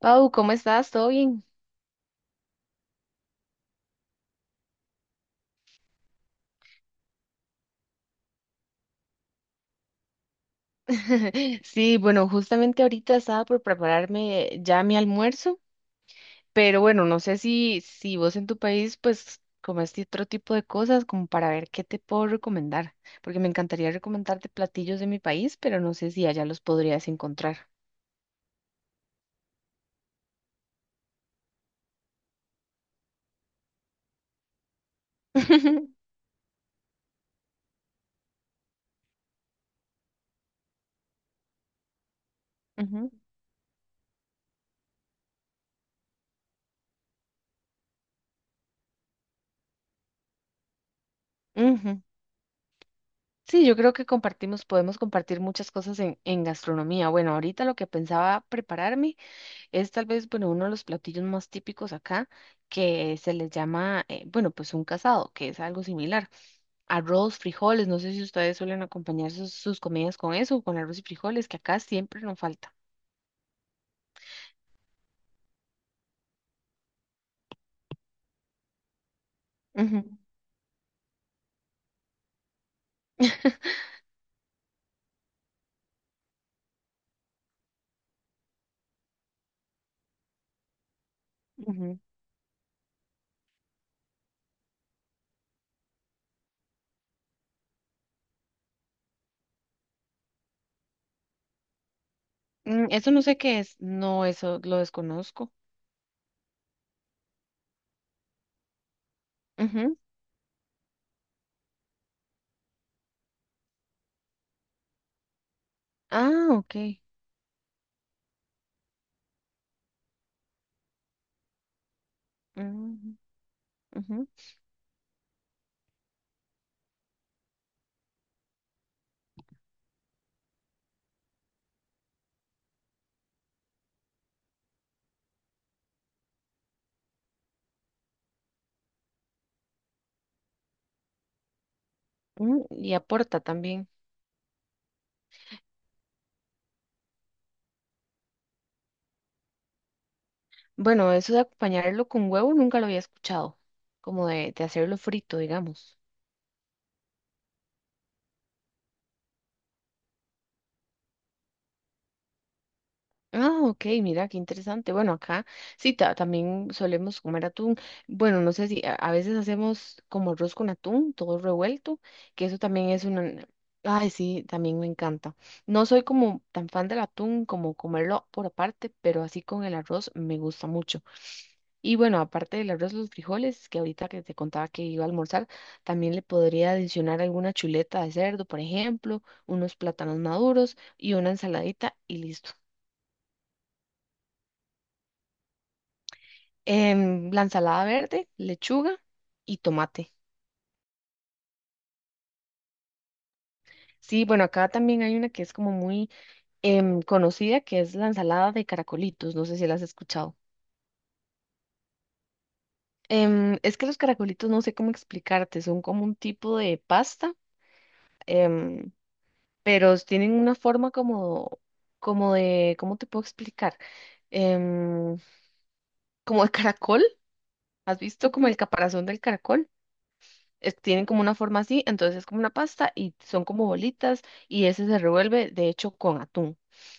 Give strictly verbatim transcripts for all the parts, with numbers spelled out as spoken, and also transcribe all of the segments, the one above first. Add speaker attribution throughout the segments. Speaker 1: Pau, ¿cómo estás? ¿Todo bien? Sí, bueno, justamente ahorita estaba por prepararme ya mi almuerzo, pero bueno, no sé si, si vos en tu país pues comes otro tipo de cosas como para ver qué te puedo recomendar, porque me encantaría recomendarte platillos de mi país, pero no sé si allá los podrías encontrar. Ujú, ujú. Sí, yo creo que compartimos, podemos compartir muchas cosas en, en gastronomía. Bueno, ahorita lo que pensaba prepararme. Es tal vez, bueno, uno de los platillos más típicos acá que se les llama, eh, bueno, pues un casado, que es algo similar. Arroz, frijoles, no sé si ustedes suelen acompañar sus, sus comidas con eso, con arroz y frijoles, que acá siempre nos falta. Ujú, ujú. Mm, eso no sé qué es, no, eso lo desconozco. Ujú. Ah, ok. Ujú, ujú. Mm, y aporta también. Bueno, eso de acompañarlo con huevo nunca lo había escuchado, como de, de hacerlo frito, digamos. Ah, ok, mira, qué interesante. Bueno, acá sí, ta- también solemos comer atún. Bueno, no sé si a, a veces hacemos como arroz con atún, todo revuelto, que eso también es una... Ay, sí, también me encanta. No soy como tan fan del atún como comerlo por aparte, pero así con el arroz me gusta mucho. Y bueno, aparte del arroz, los frijoles, que ahorita que te contaba que iba a almorzar, también le podría adicionar alguna chuleta de cerdo, por ejemplo, unos plátanos maduros y una ensaladita y listo. em, la ensalada verde, lechuga y tomate. Sí, bueno, acá también hay una que es como muy em, conocida, que es la ensalada de caracolitos. No sé si la has escuchado. Em, es que los caracolitos no sé cómo explicarte, son como un tipo de pasta, em, pero s- tienen una forma como, como de, ¿cómo te puedo explicar? Em, como de caracol. ¿Has visto como el caparazón del caracol? es- tienen como una forma así, entonces es como una pasta y son como bolitas y ese se revuelve, de hecho, con atún.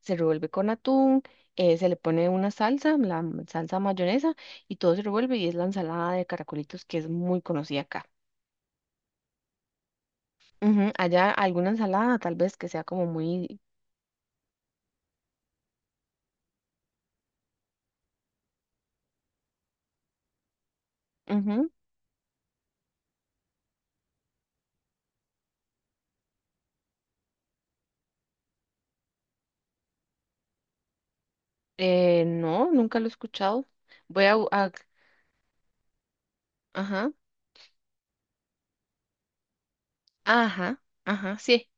Speaker 1: Se revuelve con atún, eh, se le pone una salsa, la m- salsa mayonesa y todo se revuelve y es la ensalada de caracolitos que es muy conocida acá. Ujú. Allá alguna ensalada tal vez que sea como muy... ujú. Eh, no, nunca lo he escuchado. Voy a... bu- a- ajá, ajá, ajá, sí.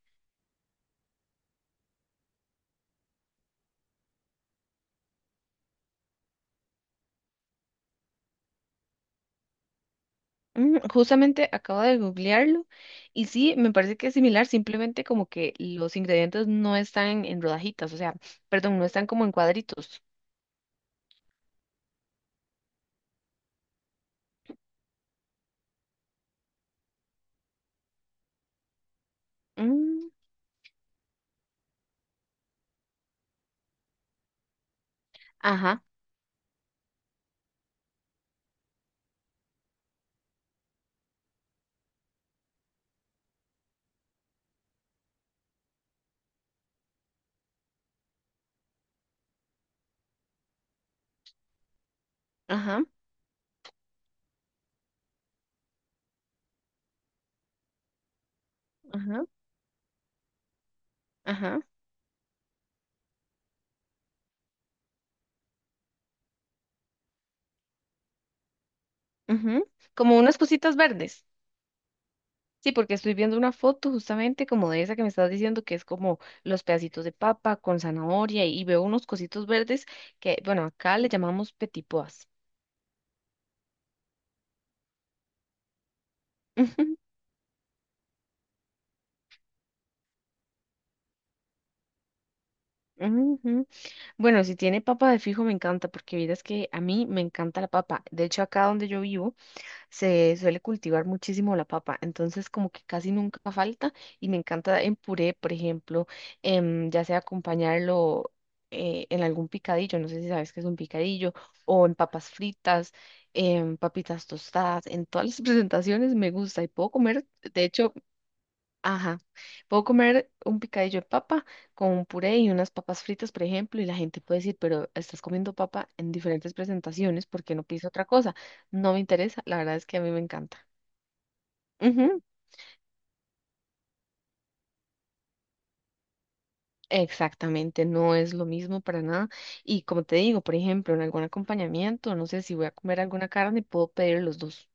Speaker 1: Mm, justamente acabo de googlearlo y sí, me parece que es similar, simplemente como que los ingredientes no están en rodajitas, o sea, perdón, no están como en cuadritos. Mm, ajá, ajá, ajá, ajá, ujú. Como unas cositas verdes. Sí, porque estoy viendo una foto justamente como de esa que me estás diciendo que es como los pedacitos de papa con zanahoria y veo unos cositos verdes que, bueno, acá le llamamos petipoas. Bueno, si tiene papa de fijo me encanta, porque vieras que a mí me encanta la papa. De hecho, acá donde yo vivo se suele cultivar muchísimo la papa, entonces como que casi nunca falta y me encanta en puré, por ejemplo, em, ya sea acompañarlo eh, en algún picadillo, no sé si sabes qué es un picadillo, o en papas fritas, en papitas tostadas, en todas las presentaciones me gusta y puedo comer, de hecho, ajá. Puedo comer un picadillo de papa con un puré y unas papas fritas, por ejemplo, y la gente puede decir, pero estás comiendo papa en diferentes presentaciones, ¿por qué no pides otra cosa? No me interesa, la verdad es que a mí me encanta. Ujú, exactamente, no es lo mismo para nada. Y como te digo, por ejemplo, en algún acompañamiento, no sé si voy a comer alguna carne, puedo pedir los dos,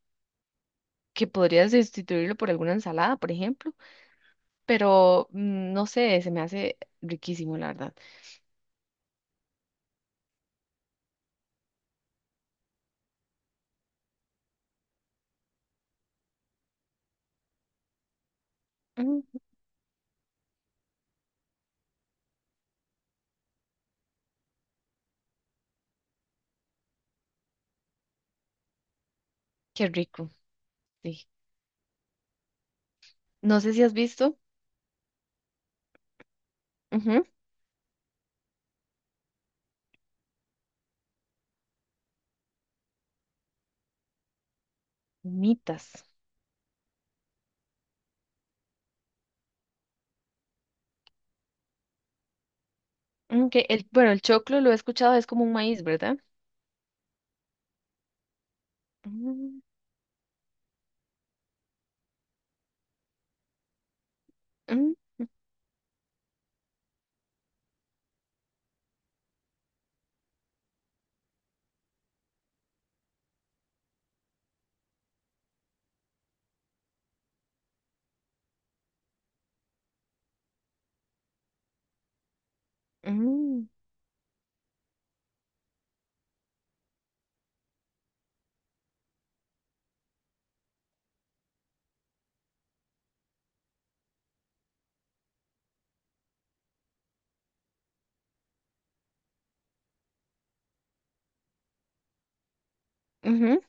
Speaker 1: que podría sustituirlo por alguna ensalada, por ejemplo, pero mm, no sé, se me hace riquísimo, la verdad. Mm, qué rico, sí. No sé si has visto. Ujú, humitas. Ok, el, bueno, el choclo lo he escuchado, es como un maíz, ¿verdad? Mm, mm, mm, ujú,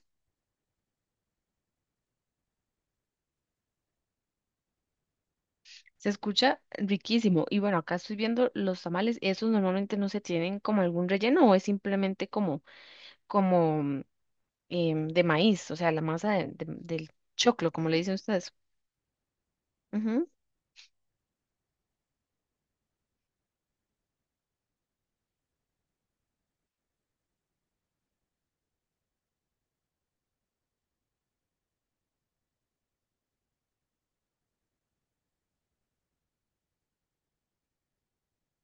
Speaker 1: se escucha riquísimo. Y bueno, acá estoy viendo los tamales, esos normalmente no se tienen como algún relleno o es simplemente como, como mm, em, de maíz, o sea, la masa de- de- del choclo, como le dicen ustedes. Ujú,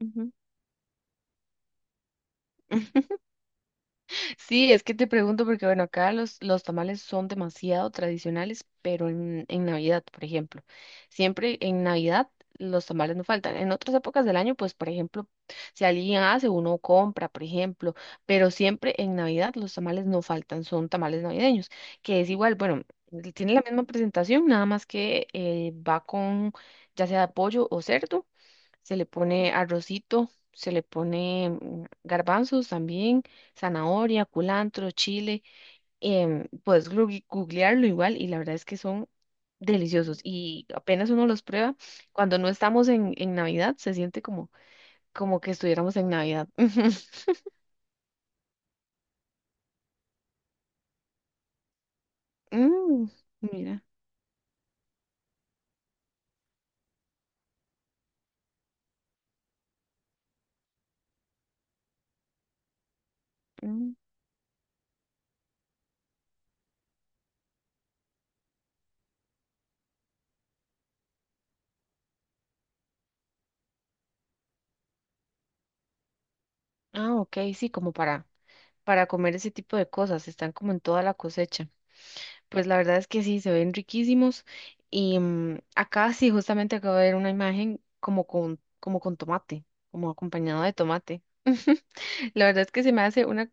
Speaker 1: ujú. Sí, es que te pregunto porque, bueno, acá los, los tamales son demasiado tradicionales, pero en, en Navidad, por ejemplo, siempre en Navidad los tamales no faltan. En otras épocas del año, pues, por ejemplo, si alguien hace, uno compra, por ejemplo, pero siempre en Navidad los tamales no faltan, son tamales navideños, que es igual, bueno, tiene la misma presentación, nada más que eh, va con ya sea pollo o cerdo se le pone arrocito, se le pone mm, garbanzos también, zanahoria, culantro, chile. em, puedes glu- googlearlo igual y la verdad es que son deliciosos y apenas uno los prueba, cuando no estamos en, en Navidad se siente como, como que estuviéramos en Navidad. Mm, mira. Mm. Ah, ok, sí, como para, para comer ese tipo de cosas, están como en toda la cosecha. Pues la verdad es que sí, se ven riquísimos. Y mm, acá sí, justamente acabo de ver una imagen como con, como con tomate, como acompañado de tomate. La verdad es que se me hace una,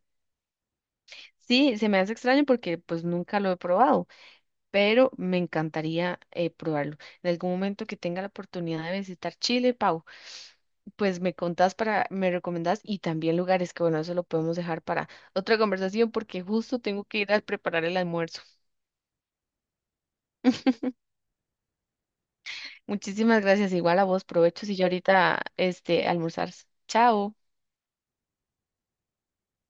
Speaker 1: sí, se me hace extraño porque pues nunca lo he probado, pero me encantaría eh, probarlo. En algún momento que tenga la oportunidad de visitar Chile, Pau, pues me contás para, me recomendás y también lugares que bueno, eso lo podemos dejar para otra conversación porque justo tengo que ir a preparar el almuerzo. Muchísimas gracias. Igual a vos, provechos y yo ahorita este almorzar. Chao.